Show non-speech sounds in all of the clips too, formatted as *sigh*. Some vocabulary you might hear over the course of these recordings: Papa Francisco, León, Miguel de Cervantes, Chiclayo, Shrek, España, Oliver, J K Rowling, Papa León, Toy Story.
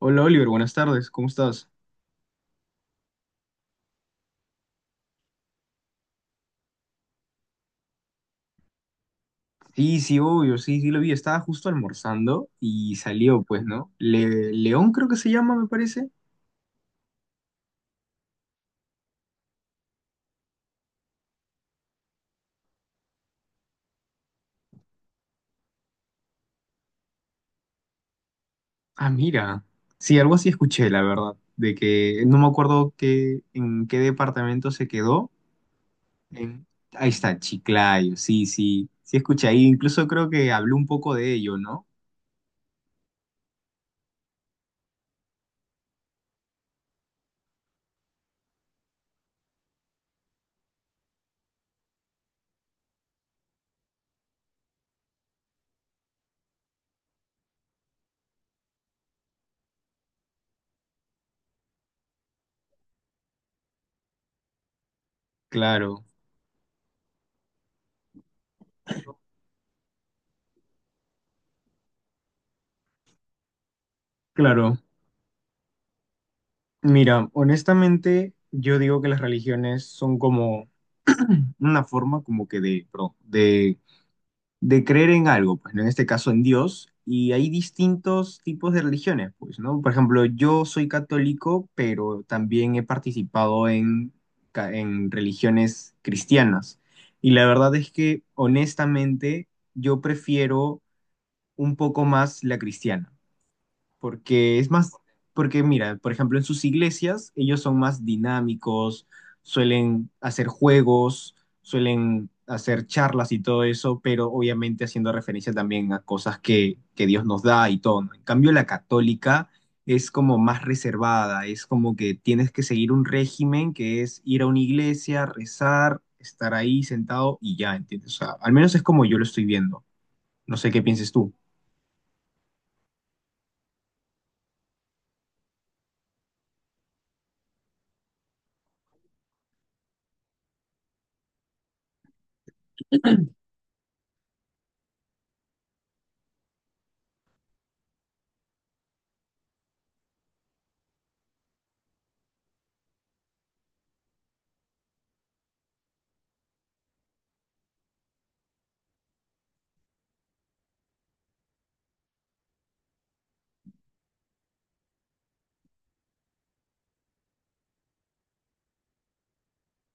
Hola Oliver, buenas tardes, ¿cómo estás? Sí, sí, obvio, sí, sí lo vi, estaba justo almorzando y salió, pues, ¿no? Le- León creo que se llama, me parece. Ah, mira, sí, algo así escuché, la verdad, de que no me acuerdo qué, en qué departamento se quedó. En... Ahí está, Chiclayo, sí, sí, sí escuché ahí, incluso creo que habló un poco de ello, ¿no? Claro, claro. Mira, honestamente, yo digo que las religiones son como una forma como que de, perdón, de creer en algo, pues, ¿no? En este caso en Dios, y hay distintos tipos de religiones, pues, ¿no? Por ejemplo, yo soy católico, pero también he participado en, ca- en religiones cristianas. Y la verdad es que, honestamente, yo prefiero un poco más la cristiana porque es más, porque mira, por ejemplo, en sus iglesias ellos son más dinámicos, suelen hacer juegos, suelen hacer charlas y todo eso, pero obviamente haciendo referencia también a cosas que Dios nos da y todo, ¿no? En cambio, la católica es como más reservada, es como que tienes que seguir un régimen que es ir a una iglesia, rezar, estar ahí sentado y ya, ¿entiendes? O sea, al menos es como yo lo estoy viendo. No sé qué pienses tú.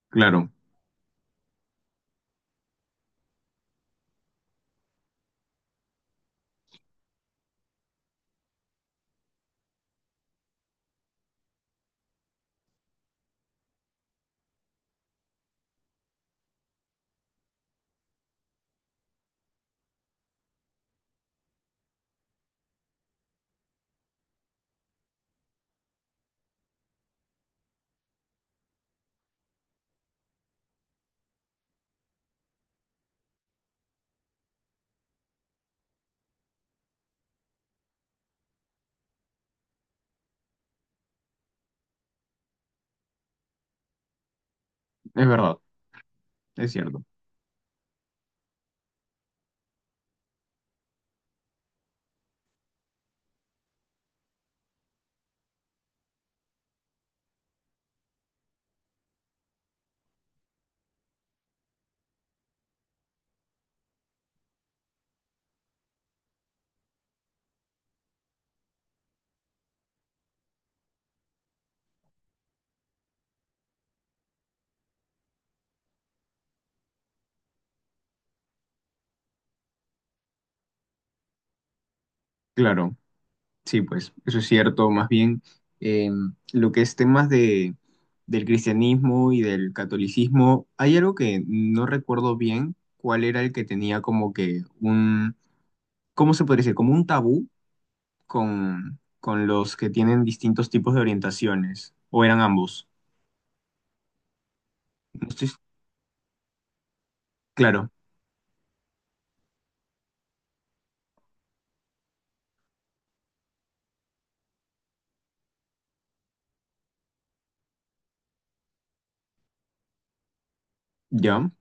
Claro, es verdad, es cierto. Claro. Sí, pues eso es cierto. Más bien, eh, lo que es temas de, del cristianismo y del catolicismo, hay algo que no recuerdo bien cuál era el que tenía como que un, ¿cómo se podría decir? Como un tabú con los que tienen distintos tipos de orientaciones, o eran ambos. No estoy claro, ¿ya?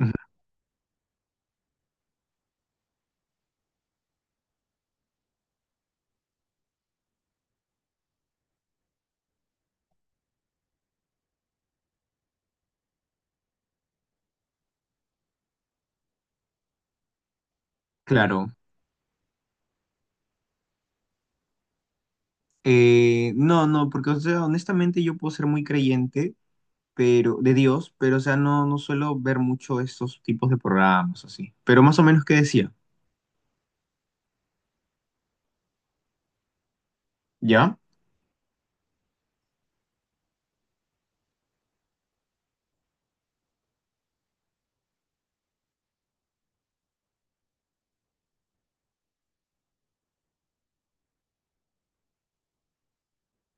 Ujú. Claro. No, no, porque, o sea, honestamente yo puedo ser muy creyente pero de Dios, pero, o sea, no, no suelo ver mucho esos tipos de programas así. Pero más o menos qué decía, ¿ya?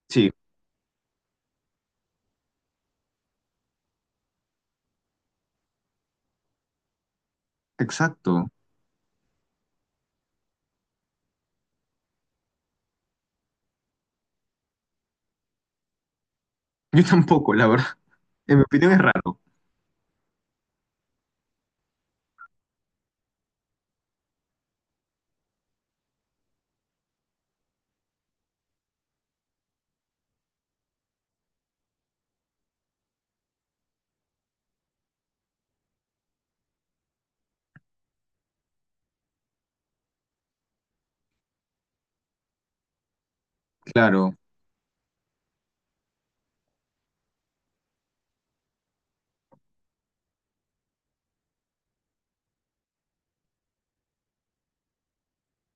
Sí, exacto. Yo tampoco, la verdad. *laughs* En mi opinión es raro, claro.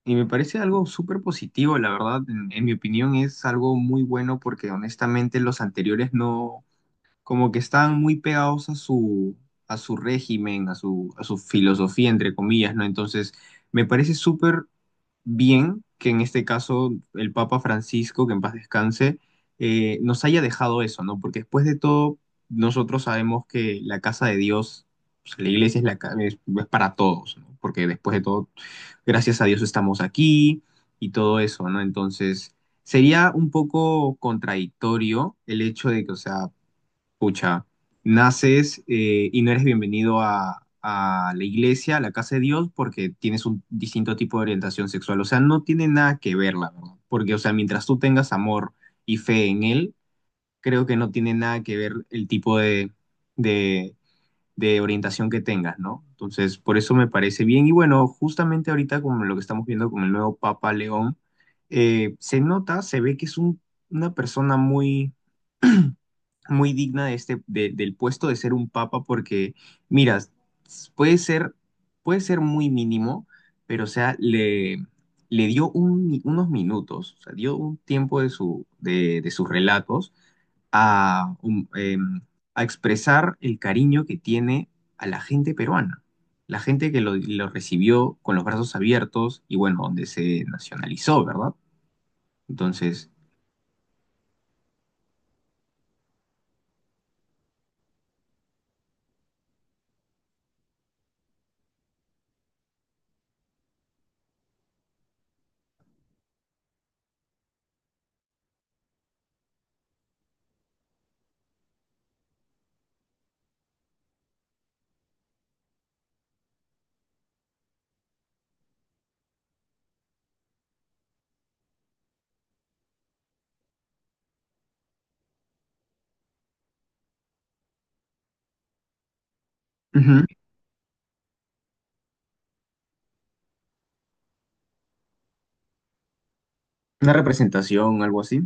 Y me parece algo súper positivo, la verdad. En mi opinión es algo muy bueno porque honestamente los anteriores no, como que estaban muy pegados a su régimen, a su filosofía, entre comillas, ¿no? Entonces, me parece súper bien que en este caso el Papa Francisco, que en paz descanse, nos haya dejado eso, ¿no? Porque después de todo, nosotros sabemos que la casa de Dios, pues, la iglesia es, la, ca- es para todos, ¿no? Porque después de todo, gracias a Dios estamos aquí y todo eso, ¿no? Entonces, sería un poco contradictorio el hecho de que, o sea, escucha, naces y no eres bienvenido a la iglesia, a la casa de Dios, porque tienes un distinto tipo de orientación sexual. O sea, no tiene nada que ver, la verdad. Porque, o sea, mientras tú tengas amor y fe en Él, creo que no tiene nada que ver el tipo de, de orientación que tengas, ¿no? Entonces, por eso me parece bien. Y bueno, justamente ahorita, como lo que estamos viendo con el nuevo Papa León, se nota, se ve que es un- una persona muy muy digna de este, de- del puesto de ser un papa, porque, mira, s- puede ser, puede ser muy mínimo, pero, o sea, le dio un- mi- unos minutos, o sea, dio un tiempo de, su, de sus relatos a, a expresar el cariño que tiene a la gente peruana, la gente que lo recibió con los brazos abiertos y, bueno, donde se nacionalizó, ¿verdad? Entonces, ujú, una representación, algo así,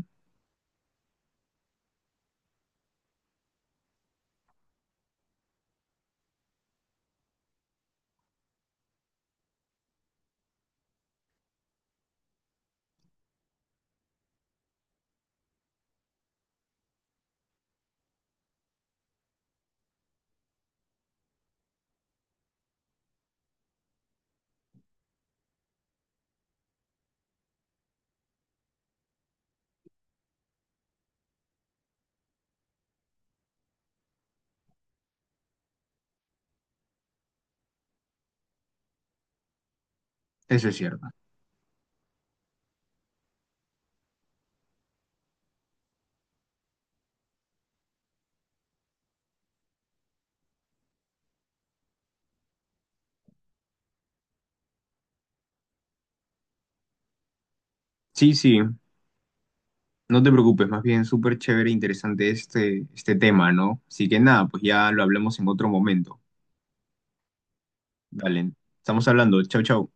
eso es cierto. Sí, sí, no te preocupes, más bien súper chévere e interesante este, este tema, ¿no? Así que nada, pues ya lo hablamos en otro momento. Dale, estamos hablando, chau, chau.